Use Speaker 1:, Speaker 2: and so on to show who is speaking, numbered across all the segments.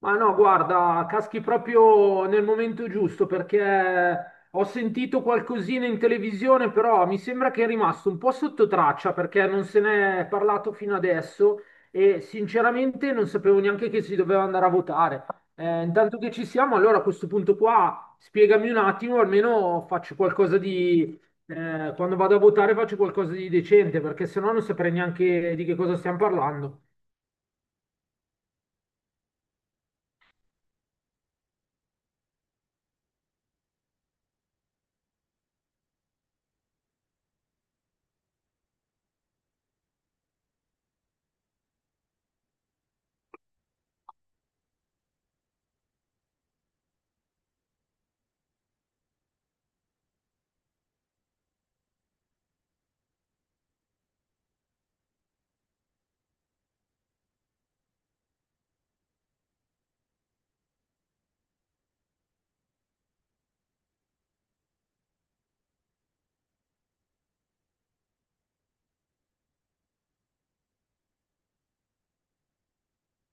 Speaker 1: Ma no, guarda, caschi proprio nel momento giusto perché ho sentito qualcosina in televisione, però mi sembra che è rimasto un po' sotto traccia perché non se n'è parlato fino adesso e sinceramente non sapevo neanche che si doveva andare a votare. Intanto che ci siamo, allora a questo punto qua spiegami un attimo, almeno faccio qualcosa di… quando vado a votare faccio qualcosa di decente perché sennò non saprei neanche di che cosa stiamo parlando.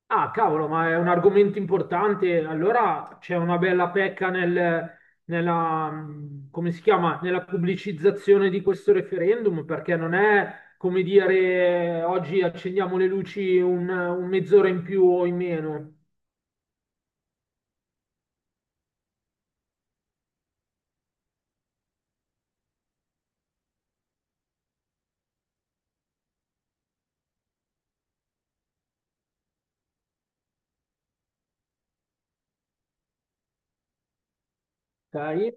Speaker 1: Ah, cavolo, ma è un argomento importante. Allora c'è una bella pecca nella, come si chiama? Nella pubblicizzazione di questo referendum, perché non è come dire oggi accendiamo le luci un mezz'ora in più o in meno, ok?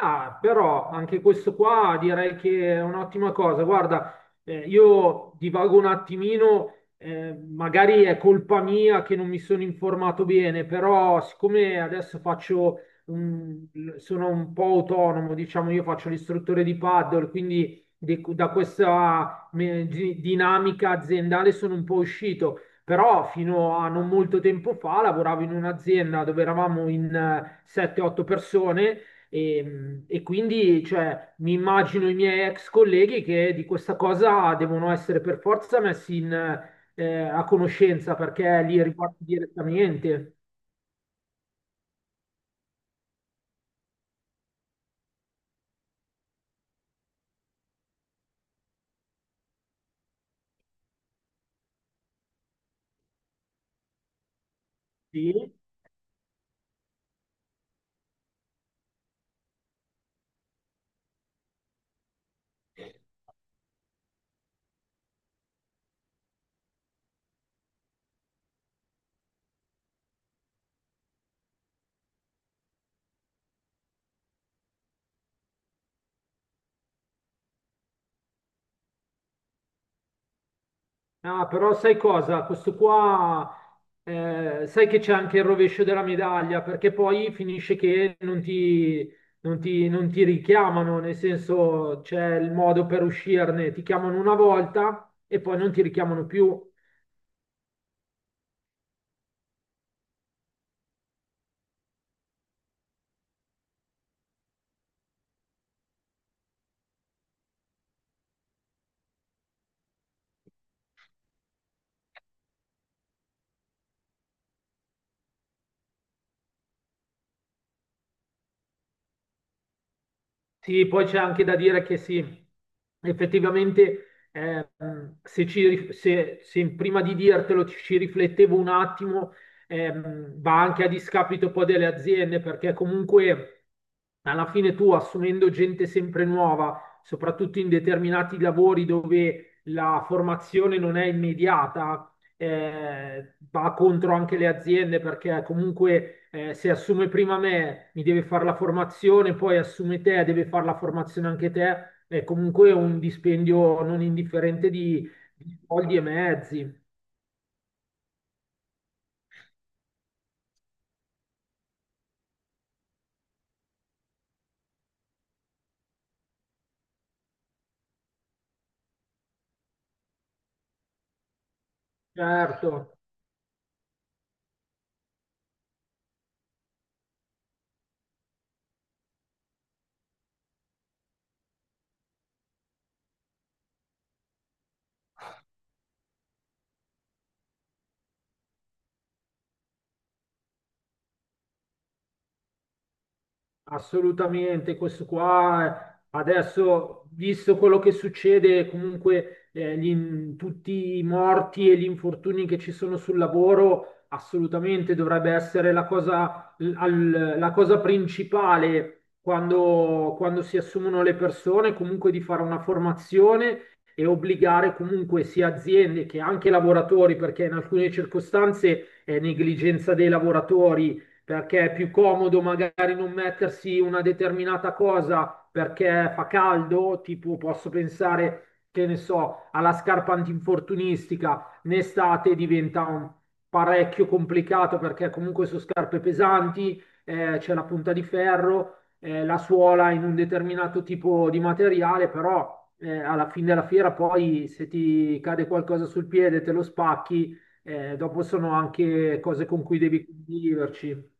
Speaker 1: Ah, però anche questo qua direi che è un'ottima cosa. Guarda, io divago un attimino, magari è colpa mia che non mi sono informato bene, però siccome adesso faccio un- sono un po' autonomo, diciamo, io faccio l'istruttore di paddle, quindi da questa dinamica aziendale sono un po' uscito. Però fino a non molto tempo fa lavoravo in un'azienda dove eravamo in 7-8 persone e quindi, cioè, mi immagino i miei ex colleghi che di questa cosa devono essere per forza messi a conoscenza perché li riguarda direttamente. Sì. Ah, però sai cosa? Questo qua, sai che c'è anche il rovescio della medaglia perché poi finisce che non ti richiamano, nel senso c'è il modo per uscirne, ti chiamano una volta e poi non ti richiamano più. Sì, poi c'è anche da dire che sì, effettivamente se, se prima di dirtelo ci riflettevo un attimo, va anche a discapito poi delle aziende, perché comunque alla fine tu assumendo gente sempre nuova, soprattutto in determinati lavori dove la formazione non è immediata, va contro anche le aziende perché comunque se assume prima me mi deve fare la formazione, poi assume te, deve fare la formazione anche te, è comunque un dispendio non indifferente di soldi e mezzi, certo. Assolutamente, questo qua adesso, visto quello che succede, comunque tutti i morti e gli infortuni che ci sono sul lavoro, assolutamente dovrebbe essere la cosa, la cosa principale quando si assumono le persone, comunque di fare una formazione e obbligare comunque sia aziende che anche lavoratori, perché in alcune circostanze è negligenza dei lavoratori perché è più comodo magari non mettersi una determinata cosa perché fa caldo, tipo posso pensare, che ne so, alla scarpa antinfortunistica, in estate diventa parecchio complicato perché comunque sono scarpe pesanti, c'è la punta di ferro, la suola in un determinato tipo di materiale, però alla fine della fiera poi se ti cade qualcosa sul piede, te lo spacchi, dopo sono anche cose con cui devi conviverci.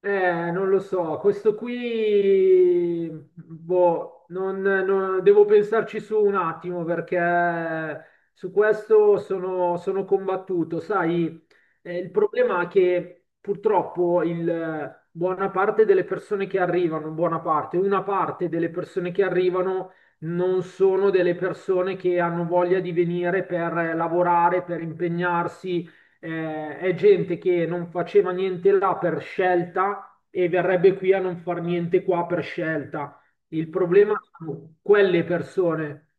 Speaker 1: Non lo so, questo qui, boh, devo pensarci su un attimo perché su questo sono, sono combattuto. Sai, il problema è che purtroppo buona parte delle persone che arrivano, buona parte, una parte delle persone che arrivano non sono delle persone che hanno voglia di venire per lavorare, per impegnarsi è gente che non faceva niente là per scelta e verrebbe qui a non far niente qua per scelta. Il problema sono quelle persone.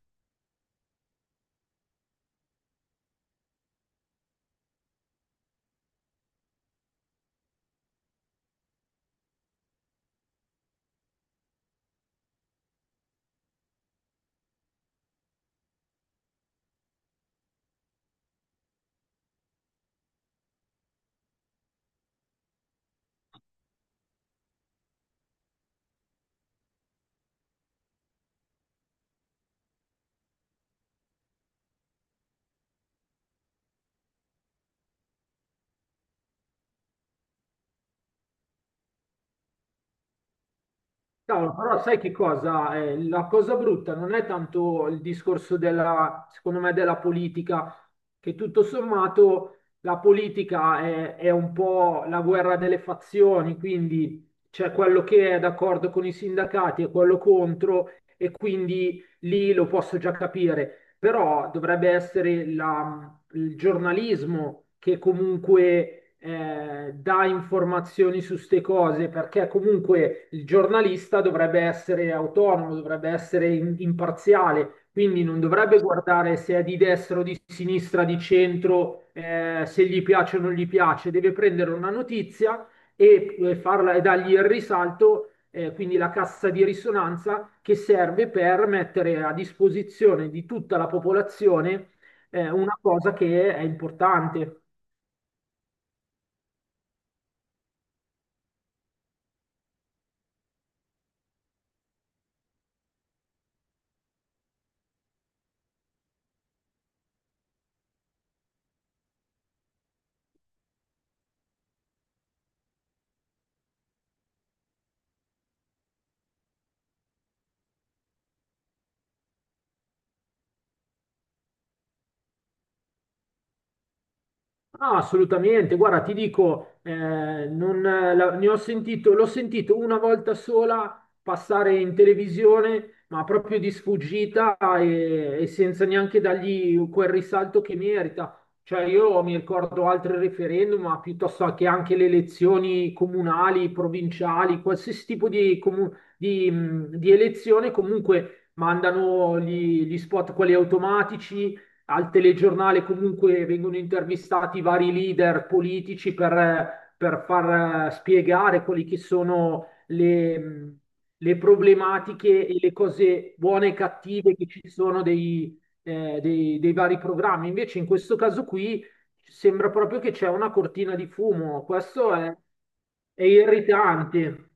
Speaker 1: Cavolo, però sai che cosa? La cosa brutta non è tanto il discorso della, secondo me, della politica, che tutto sommato la politica è un po' la guerra delle fazioni, quindi c'è quello che è d'accordo con i sindacati e quello contro, e quindi lì lo posso già capire, però dovrebbe essere la, il giornalismo che comunque dà informazioni su ste cose, perché comunque il giornalista dovrebbe essere autonomo, dovrebbe essere imparziale, quindi non dovrebbe guardare se è di destra o di sinistra, di centro, se gli piace o non gli piace, deve prendere una notizia e farla, e dargli il risalto quindi la cassa di risonanza che serve per mettere a disposizione di tutta la popolazione è una cosa che è importante. Ah, assolutamente, guarda, ti dico, non, la- ne ho sentito, l'ho sentito una volta sola passare in televisione, ma proprio di sfuggita e senza neanche dargli quel risalto che merita. Cioè, io mi ricordo altri referendum, ma piuttosto che anche le elezioni comunali, provinciali, qualsiasi tipo di elezione, comunque mandano gli spot, quelli automatici al telegiornale comunque vengono intervistati vari leader politici per far spiegare quelli che sono le problematiche e le cose buone e cattive che ci sono dei vari programmi. Invece in questo caso qui sembra proprio che c'è una cortina di fumo. È irritante.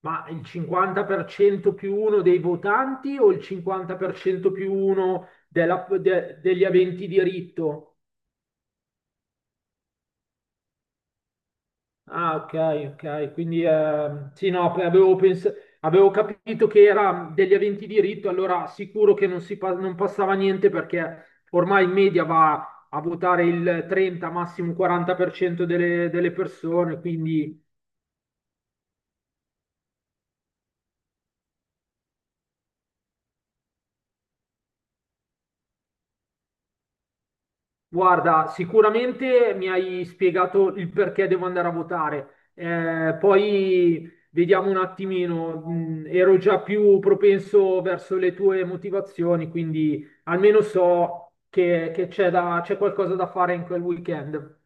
Speaker 1: Ma il 50% più uno dei votanti o il 50% più uno degli aventi diritto? Ah, ok, ok. Quindi sì, no, avevo capito che era degli aventi diritto, allora sicuro che non, non passava niente perché ormai in media va a votare il 30, massimo 40% delle, delle persone, quindi. Guarda, sicuramente mi hai spiegato il perché devo andare a votare. Poi vediamo un attimino, ero già più propenso verso le tue motivazioni, quindi almeno so che c'è qualcosa da fare in quel weekend.